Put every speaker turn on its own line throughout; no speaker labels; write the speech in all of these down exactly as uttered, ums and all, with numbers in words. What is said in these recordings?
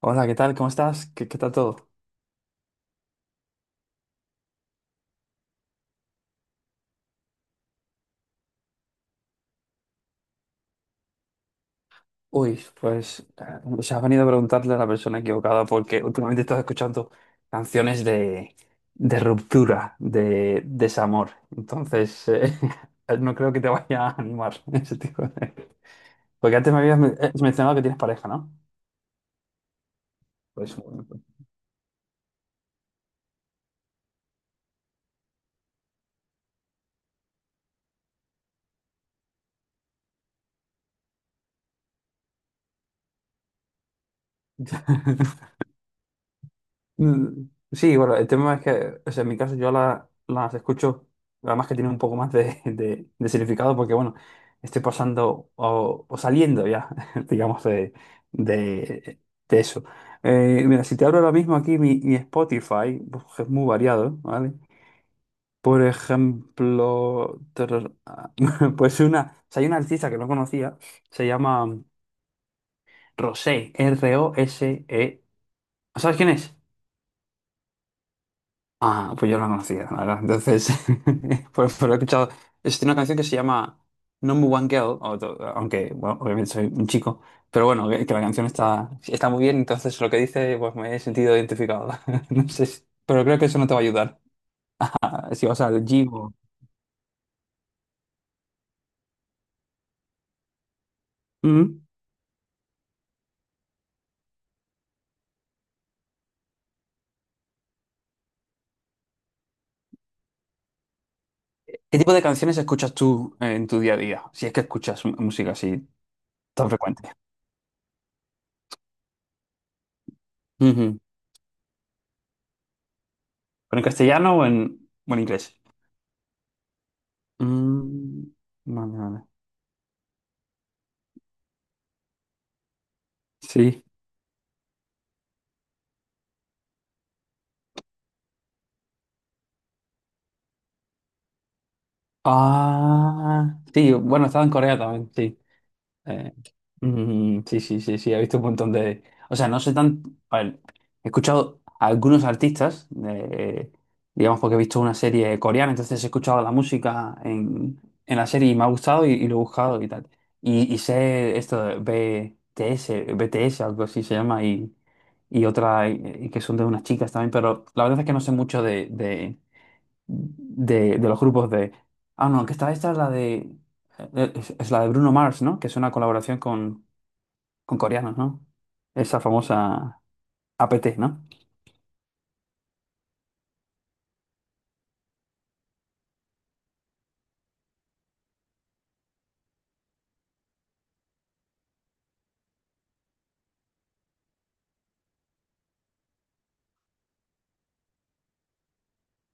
Hola, ¿qué tal? ¿Cómo estás? ¿Qué, qué tal todo? Uy, pues eh, se has venido a preguntarle a la persona equivocada porque últimamente estás escuchando canciones de, de ruptura, de desamor. Entonces, eh, no creo que te vaya a animar ese tipo de... Porque antes me habías men- eh, mencionado que tienes pareja, ¿no? Pues bueno. Mm, sí, bueno, el tema es que, o sea, en mi caso yo la- las escucho, además que tiene un poco más de, de- de significado, porque bueno, estoy pasando o, o saliendo ya, digamos, de, de, de eso. Eh, mira, si te abro ahora mismo aquí mi, mi Spotify, pues, es muy variado, ¿vale? Por ejemplo, tarara- pues una, o sea, hay una artista que no conocía, se llama Rosé, R-O-S-E. ¿Sabes quién es? Ah, pues yo no la conocía, la verdad. Entonces, pues, pero he escuchado. Es una canción que se llama Number One Girl, o to- aunque, bueno, obviamente soy un chico, pero bueno, que, que la canción está, está muy bien, entonces lo que dice, pues me he sentido identificado. No sé, si- pero creo que eso no te va a ayudar. Ah, ¿si vas al gym o...? Mm. ¿Qué tipo de canciones escuchas tú eh, en tu día a día? Si es que escuchas mu- música así tan frecuente. Ujú. ¿Pero en castellano o en, o en inglés? Mm, vale, vale. Sí. Ah, sí, bueno, estaba en Corea también, sí. Eh, mm, sí, sí, sí, sí, he visto un montón de... O sea, no sé tan... A ver, he escuchado a algunos artistas, de- digamos porque he visto una serie coreana, entonces he escuchado la música en, en la serie y me ha gustado y, y lo he buscado y tal. Y, y sé esto de B T S, B T S, algo así se llama, y, y otra, y- y que son de unas chicas también, pero la verdad es que no sé mucho de de, de los grupos de... Ah, no, que esta, esta es la de... eh, eh, Es, es la de Bruno Mars, ¿no? Que es una colaboración con, con coreanos, ¿no? Esa famosa A P T, ¿no?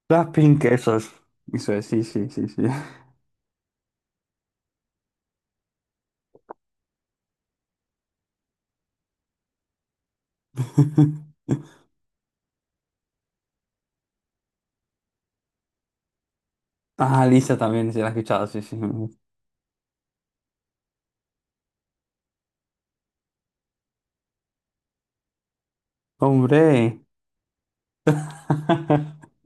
Blackpink, esos. Eso es, sí, sí, sí, sí. Ah, Lisa también, se la he escuchado, sí, sí. ¡Hombre!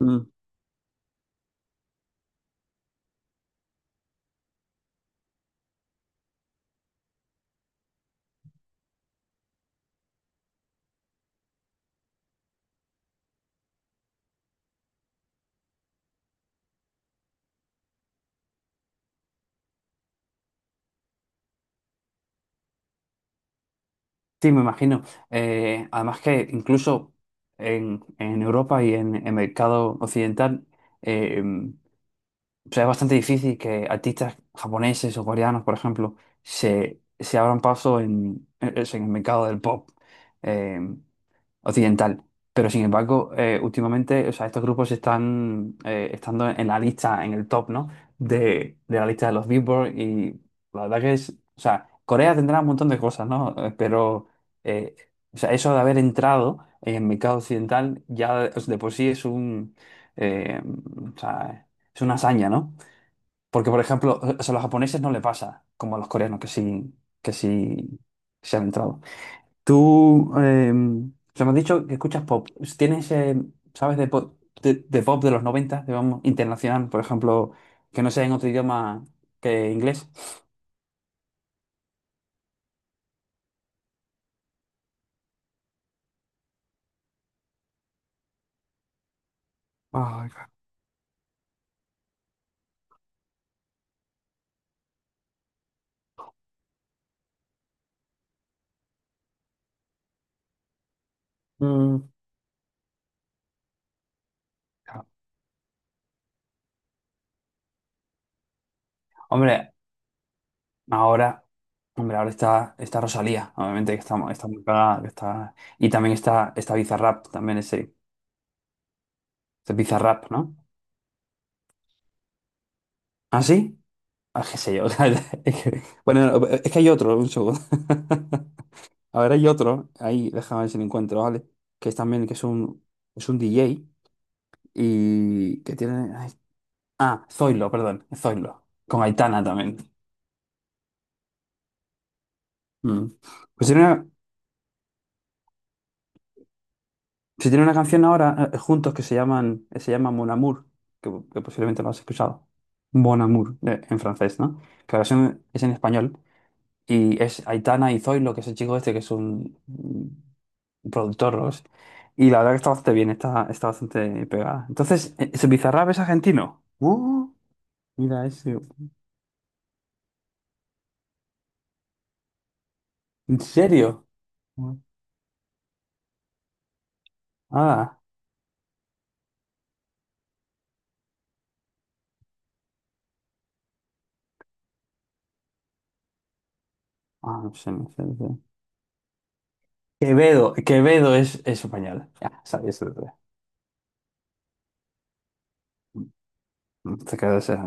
Mm. Sí, me imagino. Eh, además que incluso en, en Europa y en el mercado occidental eh, o sea, es bastante difícil que artistas japoneses o coreanos, por ejemplo, se, se abran paso en, en en el mercado del pop eh, occidental. Pero sin embargo, eh, últimamente, o sea, estos grupos están eh, estando en la lista, en el top, ¿no? De, de la lista de los Billboard y la verdad que es, o sea, Corea tendrá un montón de cosas, ¿no? Eh, pero, eh, o sea, eso de haber entrado en el mercado occidental ya de de por sí es un, eh, o sea, es una hazaña, ¿no? Porque, por ejemplo, eh, o sea, a los japoneses no le pasa, como a los coreanos, que sí, que sí se han entrado. Tú, eh, o sea, me has dicho que escuchas pop. ¿Tienes, eh, sabes, de pop de, de pop de los noventa, digamos, internacional, por ejemplo, que no sea en otro idioma que inglés? Ay, ca- Mm, ca- Hombre, ahora, hombre, ahora está, está Rosalía, obviamente, que está, está muy pegada, que está, y también está, está Bizarrap, también ese, ese Bizarrap, ¿no? ¿Ah, sí? Ah, qué sé yo. Es que- Bueno, no, es que hay otro, un segundo. A ver, hay otro, ahí, déjame ver si lo encuentro, ¿vale? Que es también, que es un, es un D J y que tiene... Ay, ah, Zoilo, perdón, Zoilo, con Aitana también. Mm. Pues tiene una, si tiene una canción ahora eh, juntos que se llaman, eh, se llama Mon Amour, que, que posiblemente lo has escuchado. Bon Amour, eh, en francés, ¿no? Que la versión es en español. Y es Aitana y Zoilo, que es el chico este, que es un, un productor, ¿no? Y la verdad que está bastante bien, está, está bastante pegada. Entonces, ¿e- ¿ese Bizarrap es argentino? Uh, mira ese. ¿En serio? Ah, ah, no sé, no sé, no sé. Quevedo, Quevedo es, es español. Ya, sabía eso. Te quedas, eh,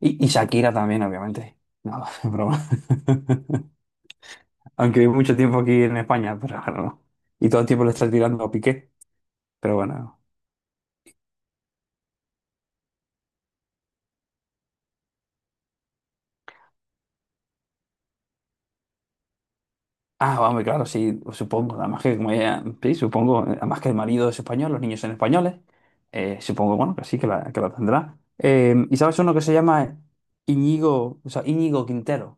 Y, y Shakira también, obviamente. No, es broma. Aunque vivo mucho tiempo aquí en España, pero bueno. No. Y todo el tiempo le estás tirando a Piqué, pero bueno. Ah, vamos, claro, sí, supongo. Además que, como ella, sí, supongo, eh, además que el marido es español, los niños son españoles, eh, supongo, bueno, que sí, que la, que la tendrá. Eh, ¿y sabes uno que se llama Íñigo, o sea, Íñigo Quintero?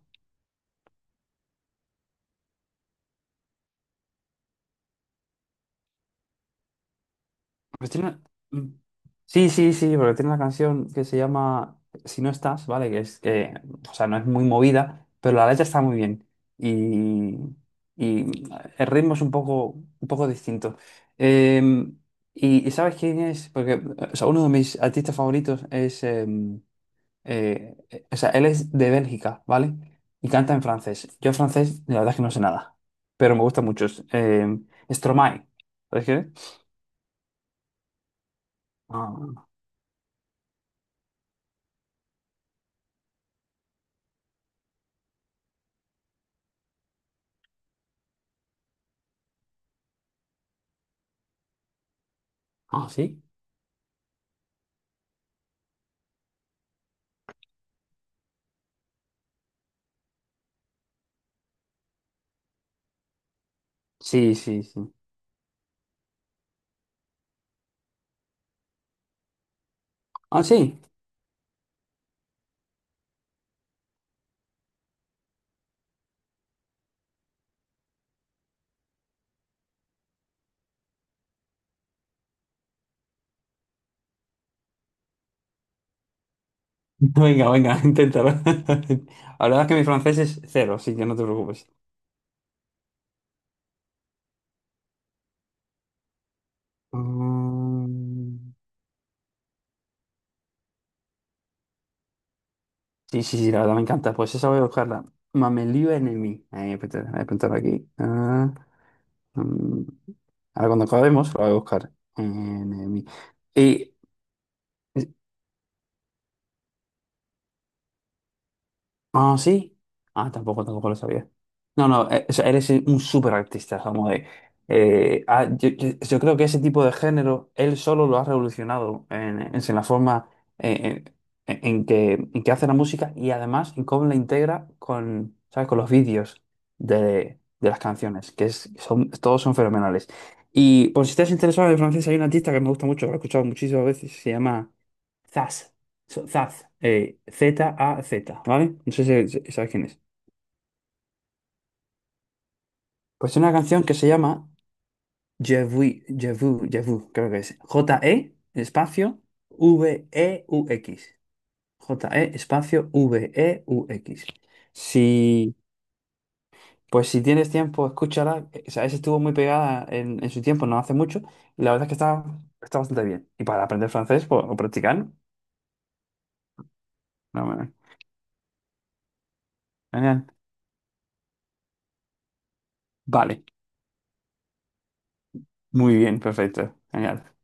Pues tiene- mm, Sí, sí, sí, porque tiene una canción que se llama Si no estás, ¿vale? Que es que, o sea, no es muy movida, pero la letra está muy bien. Y, y el ritmo es un poco, un poco distinto. Eh, y, y ¿sabes quién es? Porque, o sea, uno de mis artistas favoritos es, eh, eh, eh, o sea, él es de Bélgica, ¿vale? Y canta en francés. Yo francés, la verdad es que no sé nada, pero me gusta mucho. Es, Eh, Stromae, ¿sabes quién es? Ah, ah, sí. Sí, sí, sí. Ah, sí. Venga, venga, inténtalo. La verdad es que mi francés es cero, así que no te preocupes. Mm, sí, sí, sí, la verdad me encanta. Pues esa voy a buscarla. Mamelio Enemy. Ahí voy a apuntar voy a apuntar aquí. Ah, mm, Ahora cuando acabemos, la voy a buscar. Enemy. Y ah, sí. Ah, tampoco, tampoco lo sabía. No, no, eh, o sea, eres un súper artista, como de. eh, ah, yo, yo- yo creo que ese tipo de género, él solo lo ha revolucionado en, en- en la forma eh, en, en que, en que hace la música y además en cómo la integra con, ¿sabes? Con los vídeos de, de las canciones, que es, son, todos son fenomenales. Y por si estás interesado en francés, hay un artista que me gusta mucho, lo he escuchado muchísimas veces, se llama Zaz. So- Zaz. Eh, Z-A-Z, ¿vale? No sé si, si- sabes quién es. Pues es una canción que se llama Je vu, Je vu, Je vu, creo que es. J-E, espacio, V-E-U-X. J-E, espacio, V-E-U-X. Si, pues si tienes tiempo, escúchala. Eh, O sea, esa estuvo muy pegada en, en su tiempo, no hace mucho. Y la verdad es que está, está bastante bien. Y para aprender francés, pues, o practicar, no, bueno, genial. Vale, muy bien, perfecto, genial.